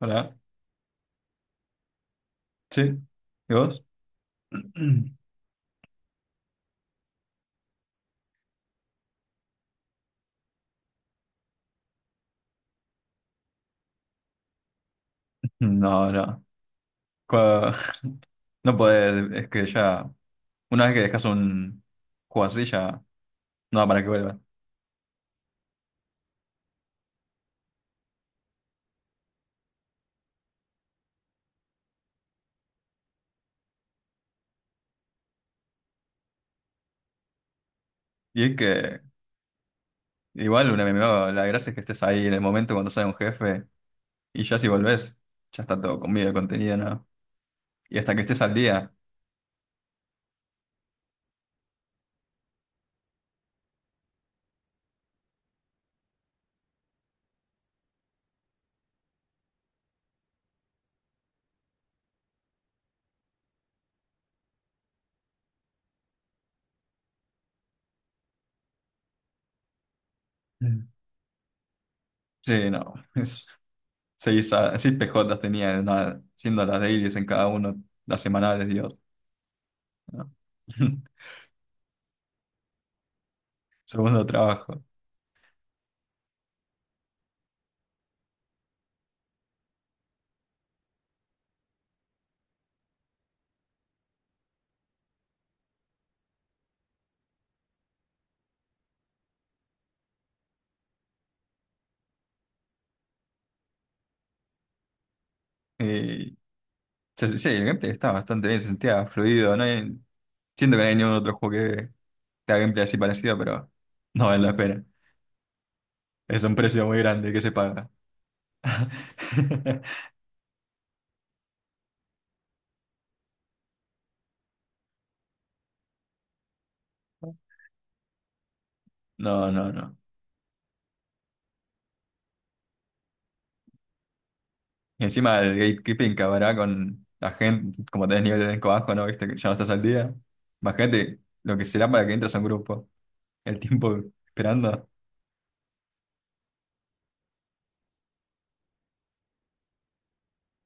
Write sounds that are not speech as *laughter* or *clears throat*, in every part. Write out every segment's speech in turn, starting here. Hola, ¿sí? ¿Y vos? *clears throat* No, no. Cua- *laughs* No podés, es que ya, una vez que dejas un juego así, ya no da para que vuelva. Y es que, igual, un MMO, la gracia es que estés ahí en el momento cuando sale un jefe, y ya si volvés, ya está todo comido, contenido, ¿no? Y hasta que estés al día. Mm. Sí, no. *laughs* Es, 6 PJs tenía, nada, siendo las dailies en cada uno, las semanales, Dios, ¿no? *laughs* Segundo trabajo. Sí, sí, el gameplay está bastante bien, se sentía fluido. Siento que no hay ningún otro juego que te haga gameplay así parecido, pero no vale la pena. Es un precio muy grande que se paga. *laughs* No, no, no. Y encima el gatekeeping que habrá con la gente, como tenés nivel de elenco bajo, ¿no? Viste que ya no estás al día. Imagínate lo que será para que entres a un grupo. El tiempo esperando.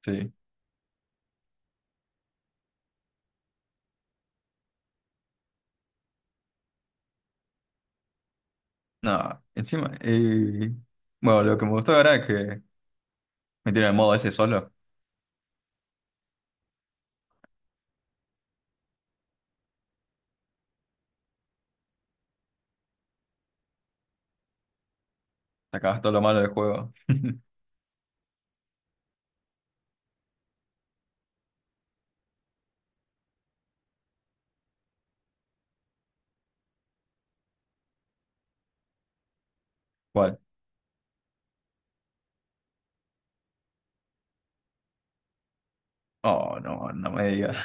Sí. No, encima. Bueno, lo que me gustó ahora es que metieron el modo ese solo. Sacabas todo lo malo del juego. *laughs* ¿Cuál? Oh, no, no me digas.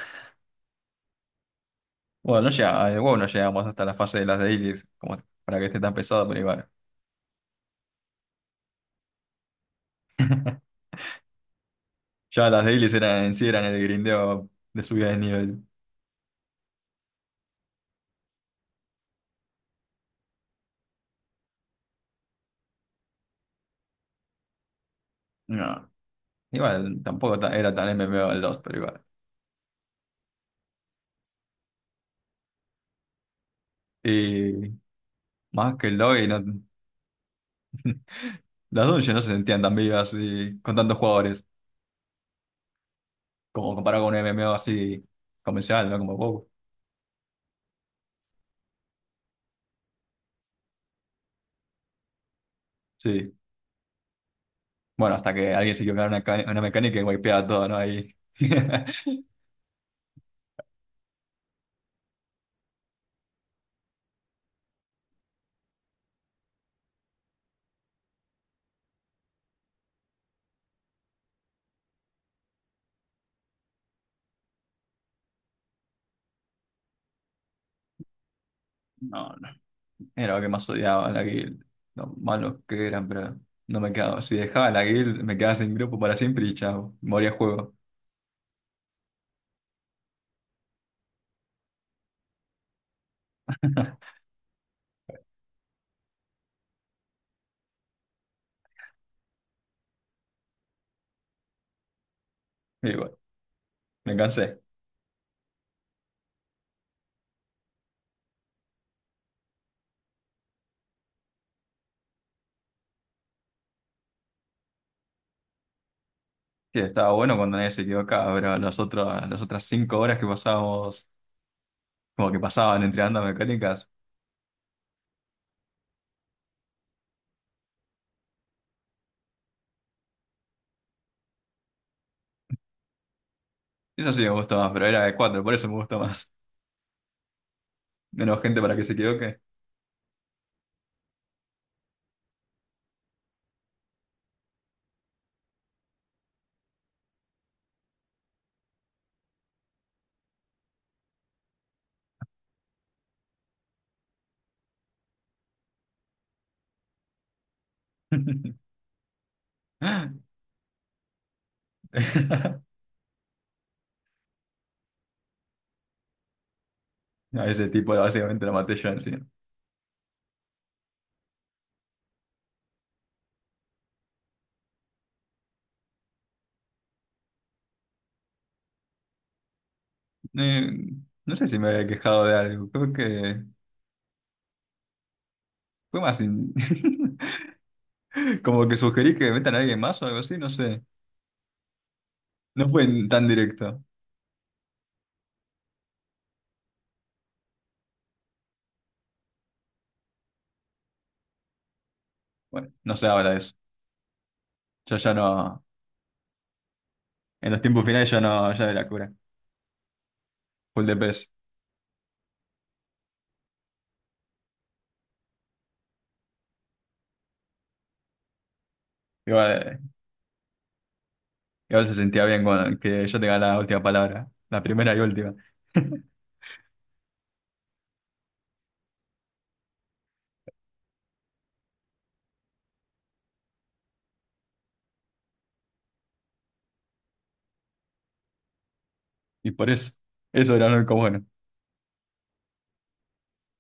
Bueno, no llega, el WoW no llegamos hasta la fase de las dailies, como para que esté tan pesado, pero igual. *laughs* Ya las dailies eran en sí, eran el grindeo de subida de nivel. No, igual tampoco era tan MMO el Lost, pero igual. Y más que el lobby, no, las dungeons no se sentían tan vivas y con tantos jugadores, como comparado con un MMO así convencional, ¿no? Como WoW. Sí. Bueno, hasta que alguien se equivocara en una, en una mecánica y wipeaba todo, ¿no? Ahí. *laughs* Era lo que más odiaba, la guild. Lo malos que eran, pero no me quedaba. Si dejaba la guild, me quedaba sin grupo para siempre y chao. Moría el juego. Y bueno, me cansé. Sí, estaba bueno cuando nadie se equivocaba, pero las otras 5 horas que pasábamos, como que pasaban entrenando mecánicas, eso sí me gusta más, pero era de cuatro, por eso me gusta más. *laughs* Menos gente para que se equivoque. *laughs* A ese tipo básicamente lo maté yo encima. Eh, no sé si me había quejado de algo, creo que fue más... *laughs* Como que sugerí que metan a alguien más o algo así, no sé. No fue tan directo. Bueno, no sé ahora eso. Yo ya no. En los tiempos finales ya no, ya de la cura. Full de pez. Igual, igual se sentía bien cuando, que yo tenga la última palabra. La primera y última. *laughs* Y por eso. Eso era lo único bueno.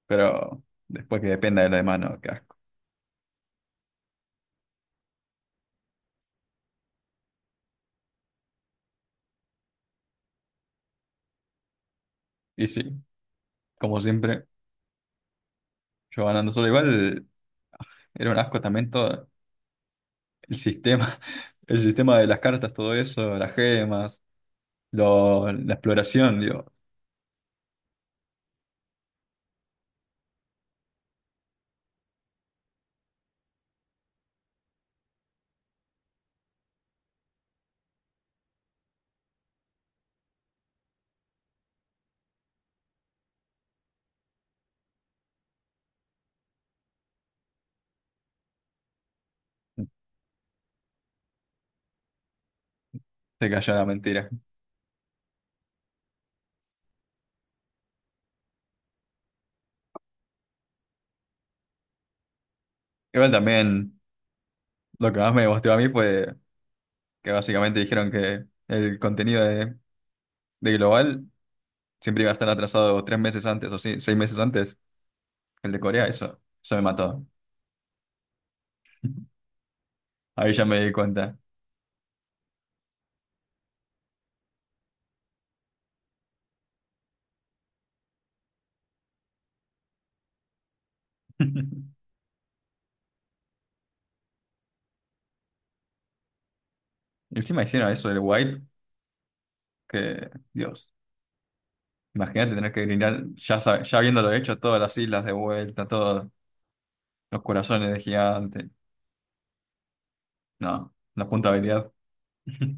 Pero después que dependa de los demás, no, qué asco. Y sí, como siempre, yo ganando solo. Igual era un asco también todo el sistema. *laughs* El sistema de las cartas, todo eso, las gemas. La exploración, digo, se cayó la mentira. Igual también lo que más me gustó a mí fue que básicamente dijeron que el contenido de Global siempre iba a estar atrasado 3 meses antes o sí, 6 meses antes. El de Corea, eso me mató. *laughs* Ahí ya me di cuenta. *laughs* Encima hicieron eso del White, que, Dios, imagínate tener que grinar, ya, ya habiéndolo hecho, todas las islas de vuelta, todos los corazones de gigante. No, la puntabilidad. *laughs*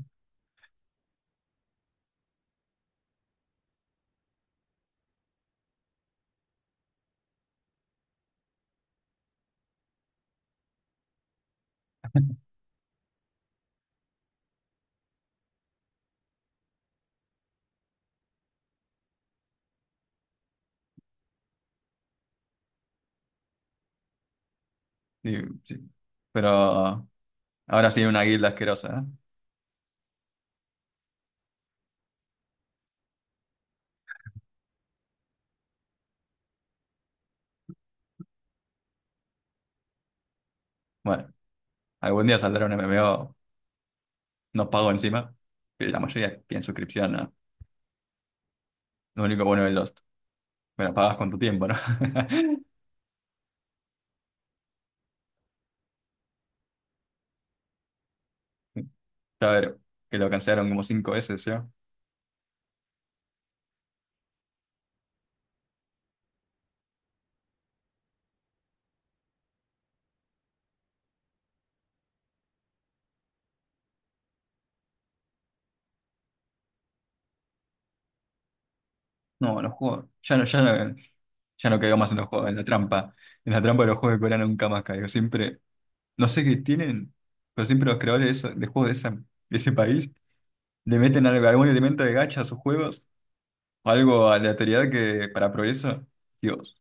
Sí, sí. Pero. Ahora sí, una guilda asquerosa, ¿eh? Bueno, algún día saldrá un MMO, no pago encima, pero la mayoría piden suscripción, ¿no? Lo único bueno de Lost, bueno, pagas con tu tiempo, ¿no? *laughs* Ya ver, que lo cancelaron como 5 veces, ¿yo? No, los juegos, ya no, ya no, ya no caigo más en los juegos, en la trampa de los juegos de Corea nunca más caigo, siempre, no sé qué tienen, pero siempre los creadores de juegos de ese país le meten algo, algún elemento de gacha a sus juegos, o algo aleatoriedad que para progreso, Dios,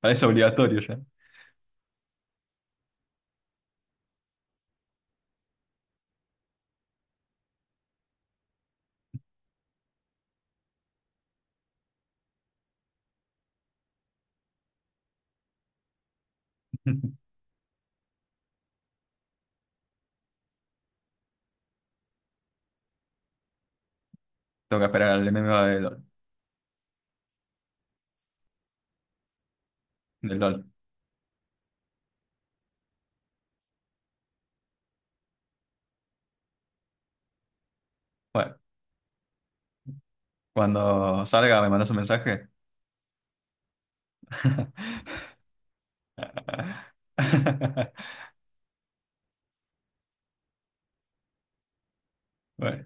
parece obligatorio ya. *laughs* Tengo que esperar al MMO del LOL. Del LOL. Bueno, cuando salga me mandas un mensaje. *laughs* Bueno.